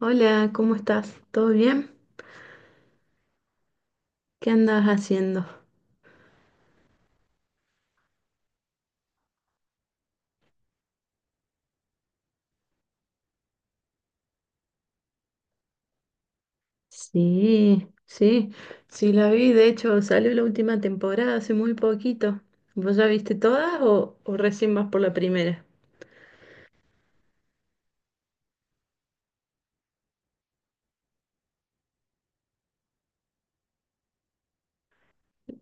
Hola, ¿cómo estás? ¿Todo bien? ¿Qué andas haciendo? Sí, sí, sí la vi. De hecho, salió la última temporada hace muy poquito. ¿Vos ya viste todas o recién vas por la primera?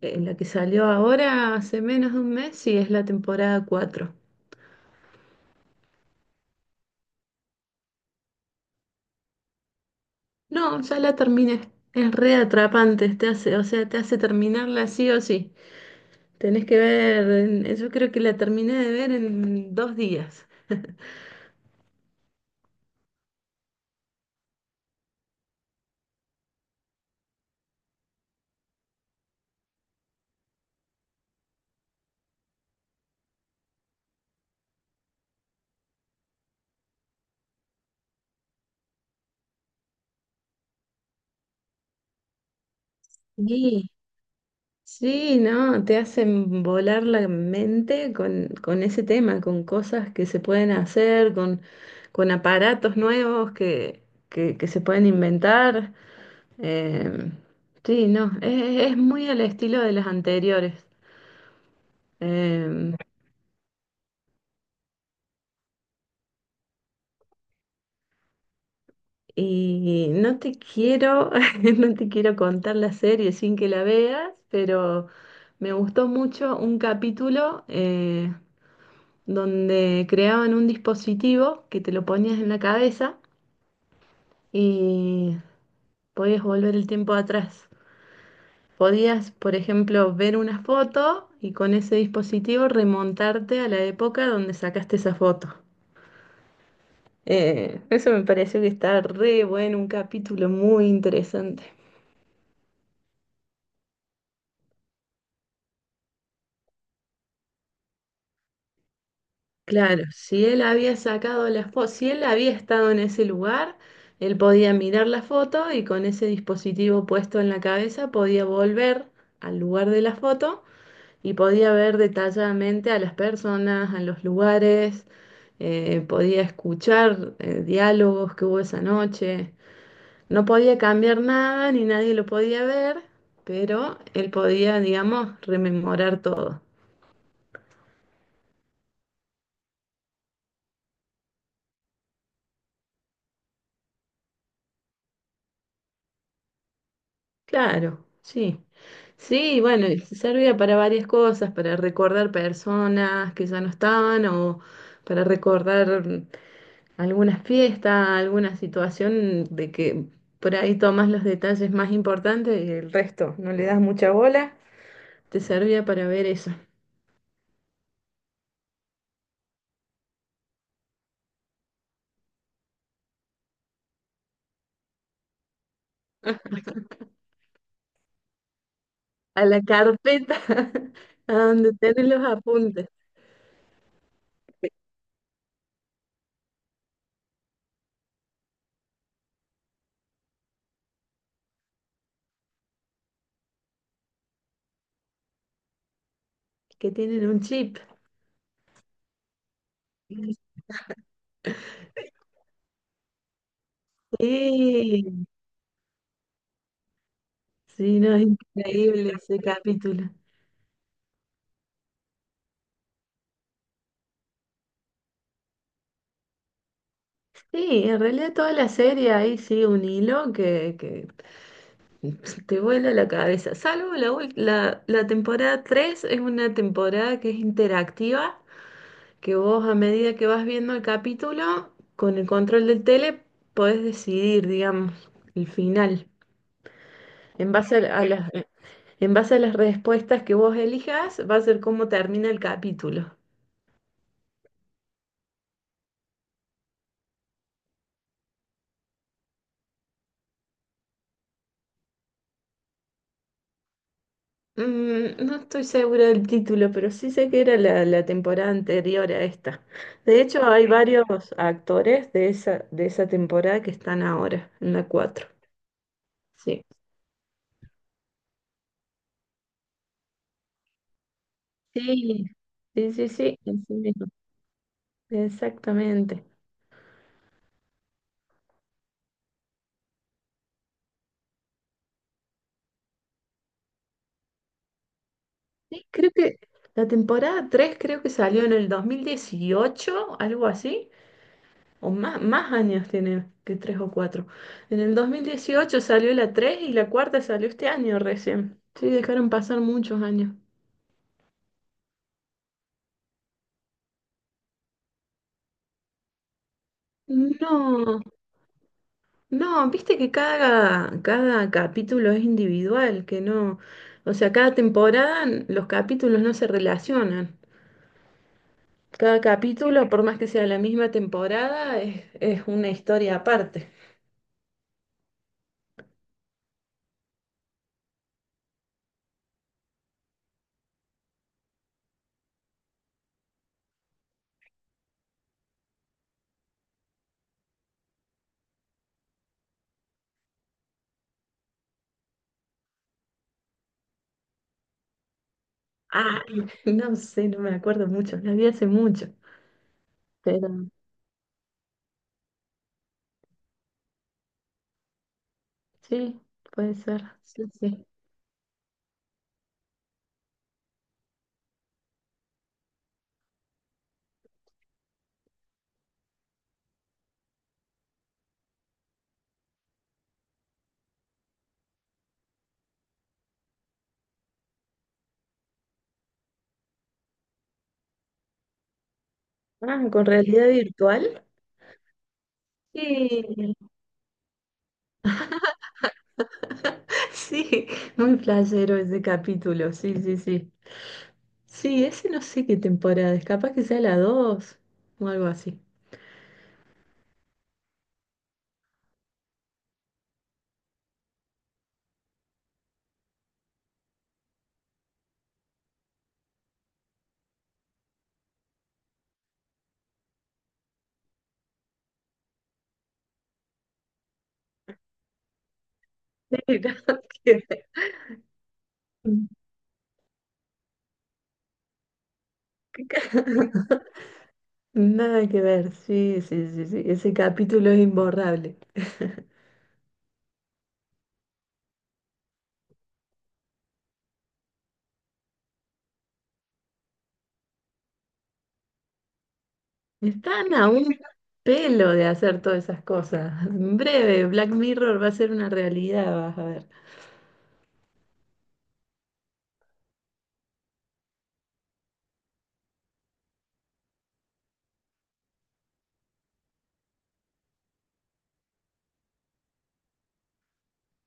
La que salió ahora hace menos de un mes y es la temporada 4. No, ya la terminé. Es re atrapante, te hace, o sea, te hace terminarla sí o sí. Tenés que ver, yo creo que la terminé de ver en 2 días. Sí. Sí, no, te hacen volar la mente con ese tema, con cosas que se pueden hacer, con aparatos nuevos que se pueden inventar. Em, sí, no, es muy al estilo de las anteriores. Em, y no te quiero, no te quiero contar la serie sin que la veas, pero me gustó mucho un capítulo, donde creaban un dispositivo que te lo ponías en la cabeza y podías volver el tiempo atrás. Podías, por ejemplo, ver una foto y con ese dispositivo remontarte a la época donde sacaste esa foto. Eso me pareció que está re bueno, un capítulo muy interesante. Claro, si él había sacado las fotos, si él había estado en ese lugar, él podía mirar la foto y con ese dispositivo puesto en la cabeza podía volver al lugar de la foto y podía ver detalladamente a las personas, a los lugares, podía escuchar diálogos que hubo esa noche. No podía cambiar nada ni nadie lo podía ver, pero él podía, digamos, rememorar todo. Claro, sí. Sí, bueno, y servía para varias cosas, para recordar personas que ya no estaban o para recordar algunas fiestas, alguna situación de que por ahí tomas los detalles más importantes y el resto no le das mucha bola. Te servía para ver eso. A la carpeta, a donde tienen los apuntes, que tienen un chip. Sí, sí, no, es increíble ese capítulo. Sí, en realidad toda la serie ahí sí un hilo que te vuela la cabeza. Salvo la temporada 3 es una temporada que es interactiva, que vos a medida que vas viendo el capítulo, con el control del tele, podés decidir, digamos, el final. En base a, la- a las, en base a las respuestas que vos elijas, va a ser cómo termina el capítulo. No estoy segura del título, pero sí sé que era la temporada anterior a esta. De hecho, hay Ok. Varios actores de esa temporada que están ahora, en la cuatro. Sí. Sí, sí, sí, sí, así mismo. Exactamente. Sí, creo que la temporada 3 creo que salió en el 2018, algo así, o más, más años tiene que 3 o 4. En el 2018 salió la 3 y la cuarta salió este año recién. Sí, dejaron pasar muchos años. No, no, viste que cada capítulo es individual, que no, o sea, cada temporada los capítulos no se relacionan. Cada capítulo, por más que sea la misma temporada, es una historia aparte. Ay, no sé, no me acuerdo mucho, la vi hace mucho, pero sí, puede ser, sí, sí. Ah, ¿con realidad virtual? Sí, sí, muy placero ese capítulo, sí, sí, sí. Sí, ese no sé qué temporada es, capaz que sea la 2 o algo así. Sí, nada que ver. Nada que ver, sí, sí, sí, sí, ese capítulo es imborrable. Están a un pelo de hacer todas esas cosas. En breve, Black Mirror va a ser una realidad, vas a ver.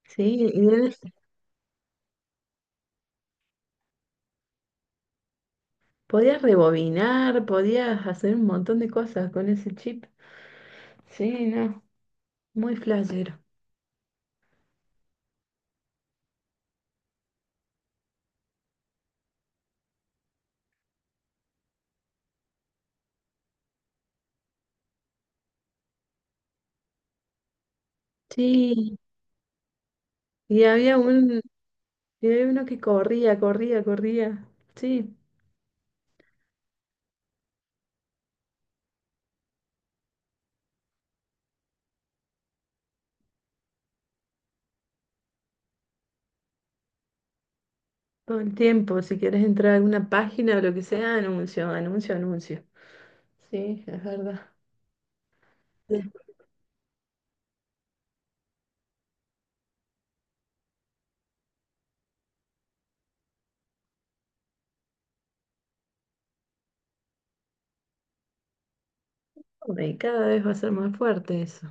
Sí, podías rebobinar, podías hacer un montón de cosas con ese chip. Sí, no, muy flashero. Sí, y había un, yo había uno que corría, corría, corría. Sí, todo el tiempo. Si quieres entrar a alguna página o lo que sea, anuncio, anuncio, anuncio. Sí, es verdad. Sí. Y cada vez va a ser más fuerte eso.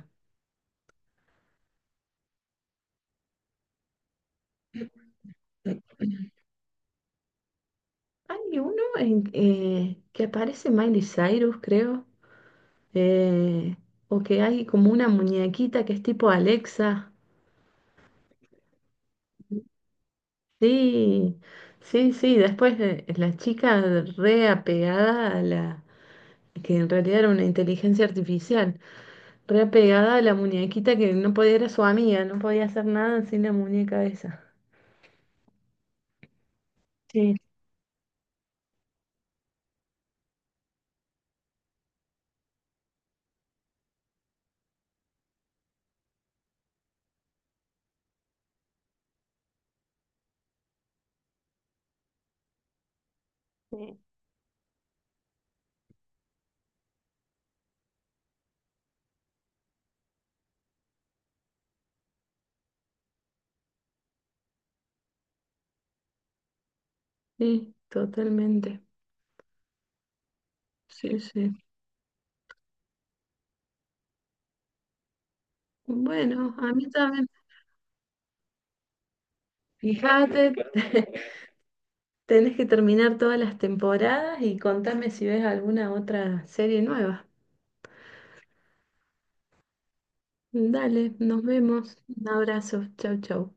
Hay uno en, que aparece Miley Cyrus, creo. eh, o que hay como una muñequita que es tipo Alexa. Sí, sí, sí. Después la chica re apegada a la que en realidad era una inteligencia artificial. Re pegada a la muñequita que no podía, era su amiga, no podía hacer nada sin la muñeca esa. Sí, sí. Sí, totalmente. Sí, sí. Bueno, a mí también. Fíjate, tenés que terminar todas las temporadas y contame si ves alguna otra serie nueva. Dale, nos vemos. Un abrazo. Chau, chau.